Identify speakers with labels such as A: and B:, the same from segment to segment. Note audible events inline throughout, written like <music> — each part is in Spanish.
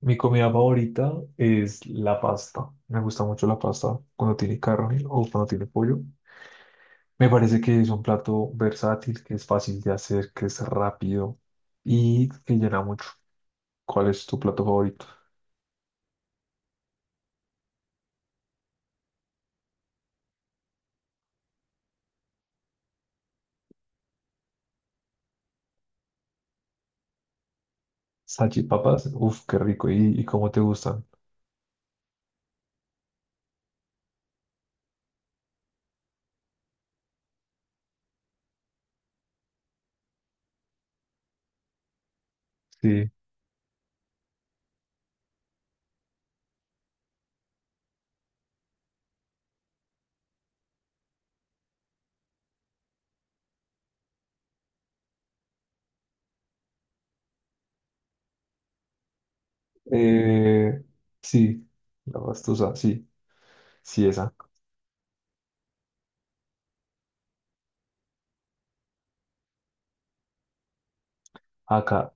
A: Mi comida favorita es la pasta. Me gusta mucho la pasta cuando tiene carne o cuando tiene pollo. Me parece que es un plato versátil, que es fácil de hacer, que es rápido y que llena mucho. ¿Cuál es tu plato favorito? Salchipapas, uf, qué rico. ¿Y cómo te gustan? Sí. Eh, sí, la pastusa, sí, sí, esa. Acá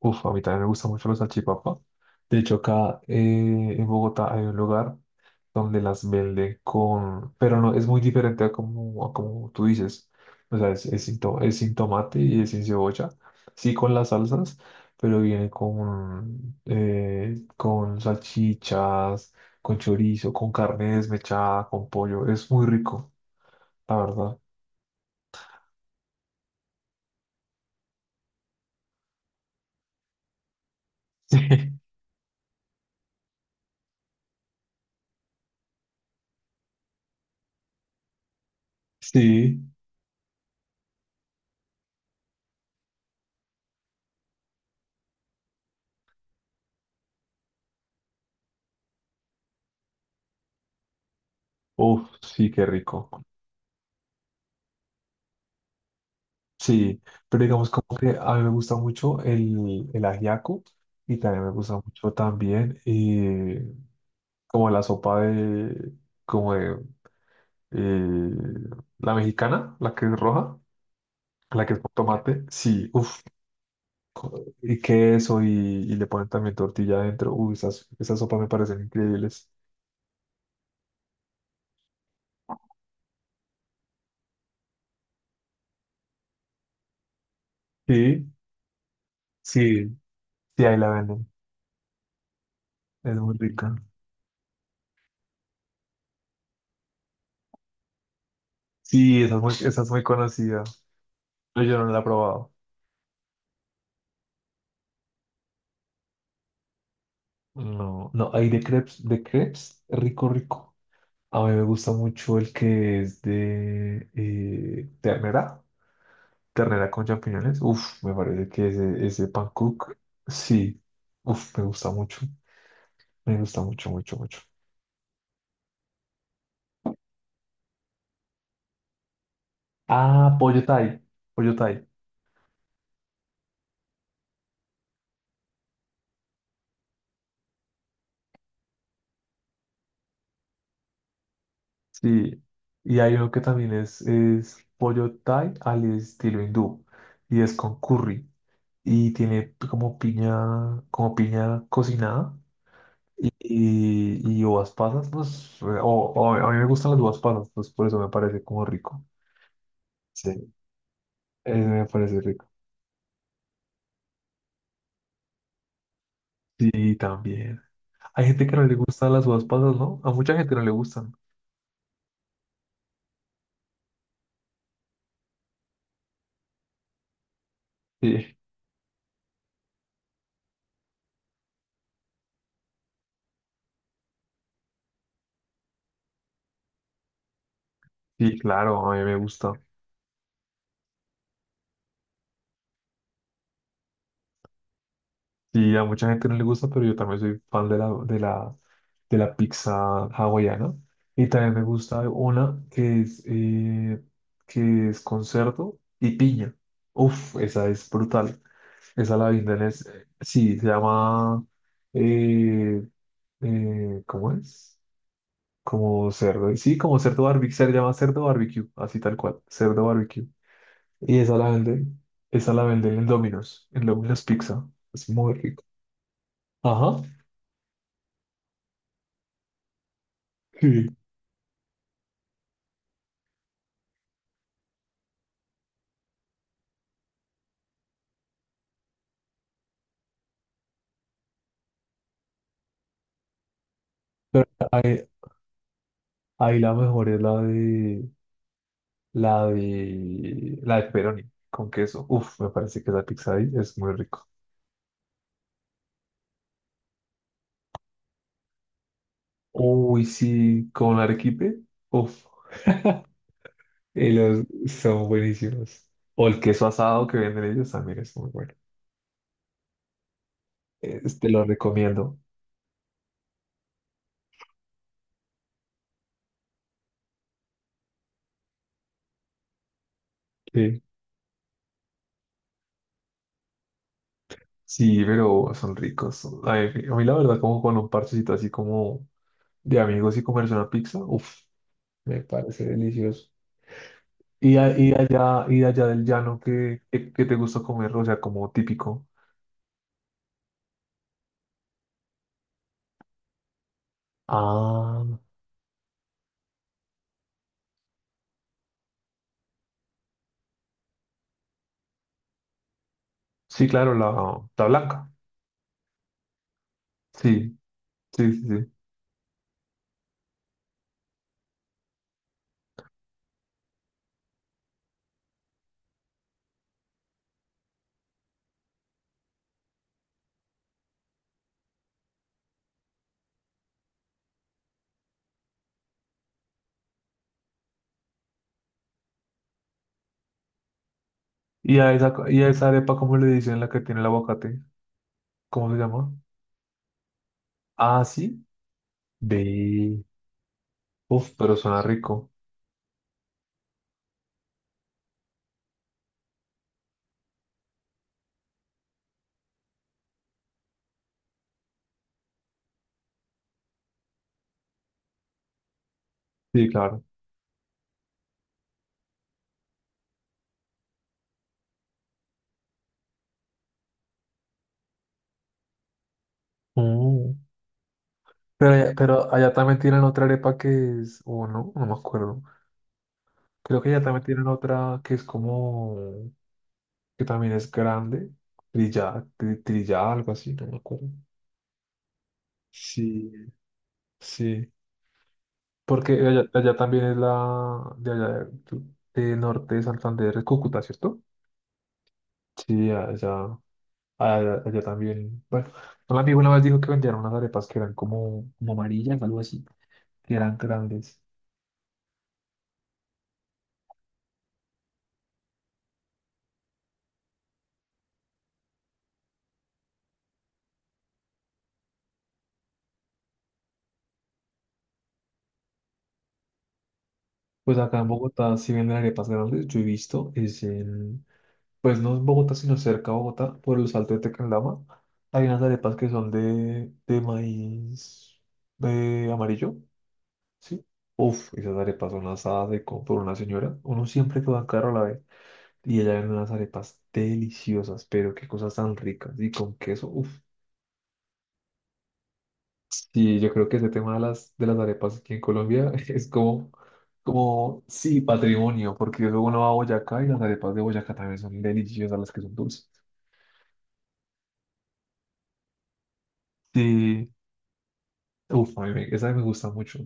A: uf, a mí también me gusta mucho la salchipapa. De hecho, acá en Bogotá hay un lugar donde las venden con... Pero no, es muy diferente a a como tú dices. O sea, sin to- es sin tomate y es sin cebolla. Sí con las salsas, pero viene con salchichas, con chorizo, con carne desmechada, con pollo. Es muy rico, la verdad. <laughs> Sí, sí. Uf, sí, qué rico. Sí, pero digamos como que a mí me gusta mucho el ajiaco y también me gusta mucho también como la sopa de, como de eh, la mexicana, la que es roja, la que es con tomate, sí, uff, y queso y le ponen también tortilla adentro, uy, esas sopas me parecen increíbles. Sí, sí, sí, ahí la venden, es muy rica. Sí, esa es muy conocida, pero yo no la he probado. No, no, hay de crepes, rico, rico. A mí me gusta mucho el que es de ternera, ternera con champiñones. Uf, me parece que ese pan cook, sí, uf, me gusta mucho, mucho, mucho. Ah, pollo Thai, sí. Y hay uno que también es pollo Thai al estilo hindú y es con curry y tiene como piña cocinada. Y uvas pasas, pues, o a mí me gustan las uvas pasas, pues por eso me parece como rico. Sí. Me parece rico. Sí, también. Hay gente que no le gustan las uvas pasas, ¿no? A mucha gente no le gustan. Sí, sí, claro, a mí me gusta. Sí, a mucha gente no le gusta, pero yo también soy fan de de la pizza hawaiana. Y también me gusta una que es con cerdo y piña. Uf, esa es brutal. Esa la venden, sí, se llama, eh, ¿cómo es? Como cerdo, sí, como cerdo barbecue, se llama cerdo barbecue, así tal cual, cerdo barbecue. Y esa la venden en Domino's Pizza. Es muy rico. Ajá. Sí. Pero ahí, ahí la mejor es la de la de pepperoni con queso. Uf, me parece que la pizza ahí es muy rico. Uy, sí, con arequipe. Uf, y los son buenísimos. O el queso asado que venden ellos también es muy bueno. Este lo recomiendo. Sí. Sí, pero son ricos. Son, a mí, a mí la verdad, como con un parchecito así como de amigos y comerse una pizza, uf, me parece delicioso. Y allá del llano, qué te gusta comer? O sea, como típico. Ah, sí, claro, la blanca. Sí, sí, sí, sí. Y a esa arepa, cómo le dicen la que tiene el aguacate? ¿Cómo se llama? Ah, sí. Ve. Uf, pero suena rico. Sí, claro. Mm. Pero allá también tienen otra arepa que es, o no, no me acuerdo. Creo que allá también tienen otra que es como, que también es grande, trillada, algo así, no me acuerdo. Sí, sí, porque allá también es la de allá de de norte de Santander, es Cúcuta, ¿cierto? Sí, allá también. Bueno, un amigo una vez dijo que vendían unas arepas que eran como, como amarillas, algo así, que eran grandes. Pues acá en Bogotá sí venden arepas grandes, yo he visto, pues no en Bogotá, sino cerca de Bogotá, por el Salto de Tequendama. Hay unas arepas que son de maíz de amarillo. Sí. Uf, esas arepas son asadas de compro una señora. Uno siempre que va a caro la ve. Y ella vende unas arepas deliciosas, pero qué cosas tan ricas. Y con queso, uf. Sí, yo creo que ese tema de de las arepas aquí en Colombia <laughs> es como, como, sí, patrimonio, porque luego uno va a Boyacá y las arepas de Boyacá también son deliciosas, las que son dulces. Sí, uf, a mí me, esa me gusta mucho.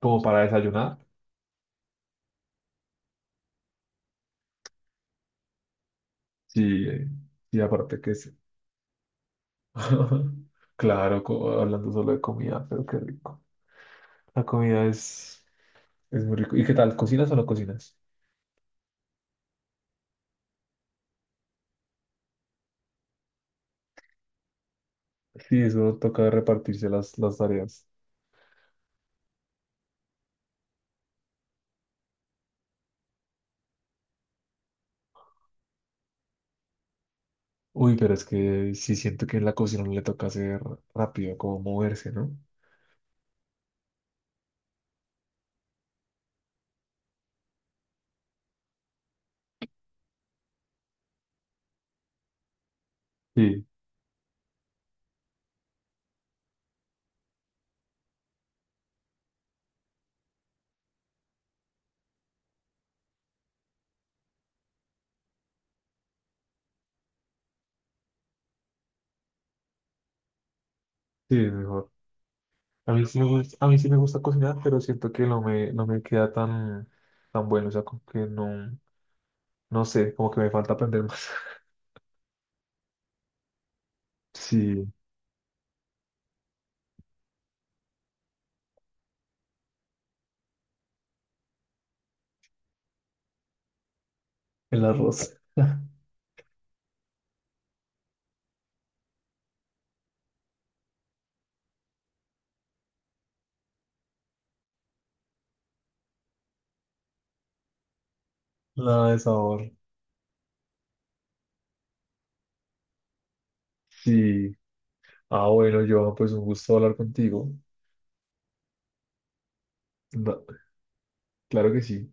A: Como para desayunar, sí, y aparte que sí. <laughs> Claro, co- hablando solo de comida, pero qué rico. La comida es muy rico. ¿Y qué tal? ¿Cocinas o no cocinas? Sí, eso toca repartirse las tareas. Uy, pero es que sí siento que en la cocina uno le toca hacer rápido, como moverse, ¿no? Sí, sí, es mejor. A mí sí me gusta, a mí sí me gusta cocinar, pero siento que no me, no me queda tan, tan bueno. O sea, como que no, no sé, como que me falta aprender más. <laughs> Sí, el arroz. Nada de sabor. Sí. Ah, bueno, Johan, pues un gusto hablar contigo. No, claro que sí.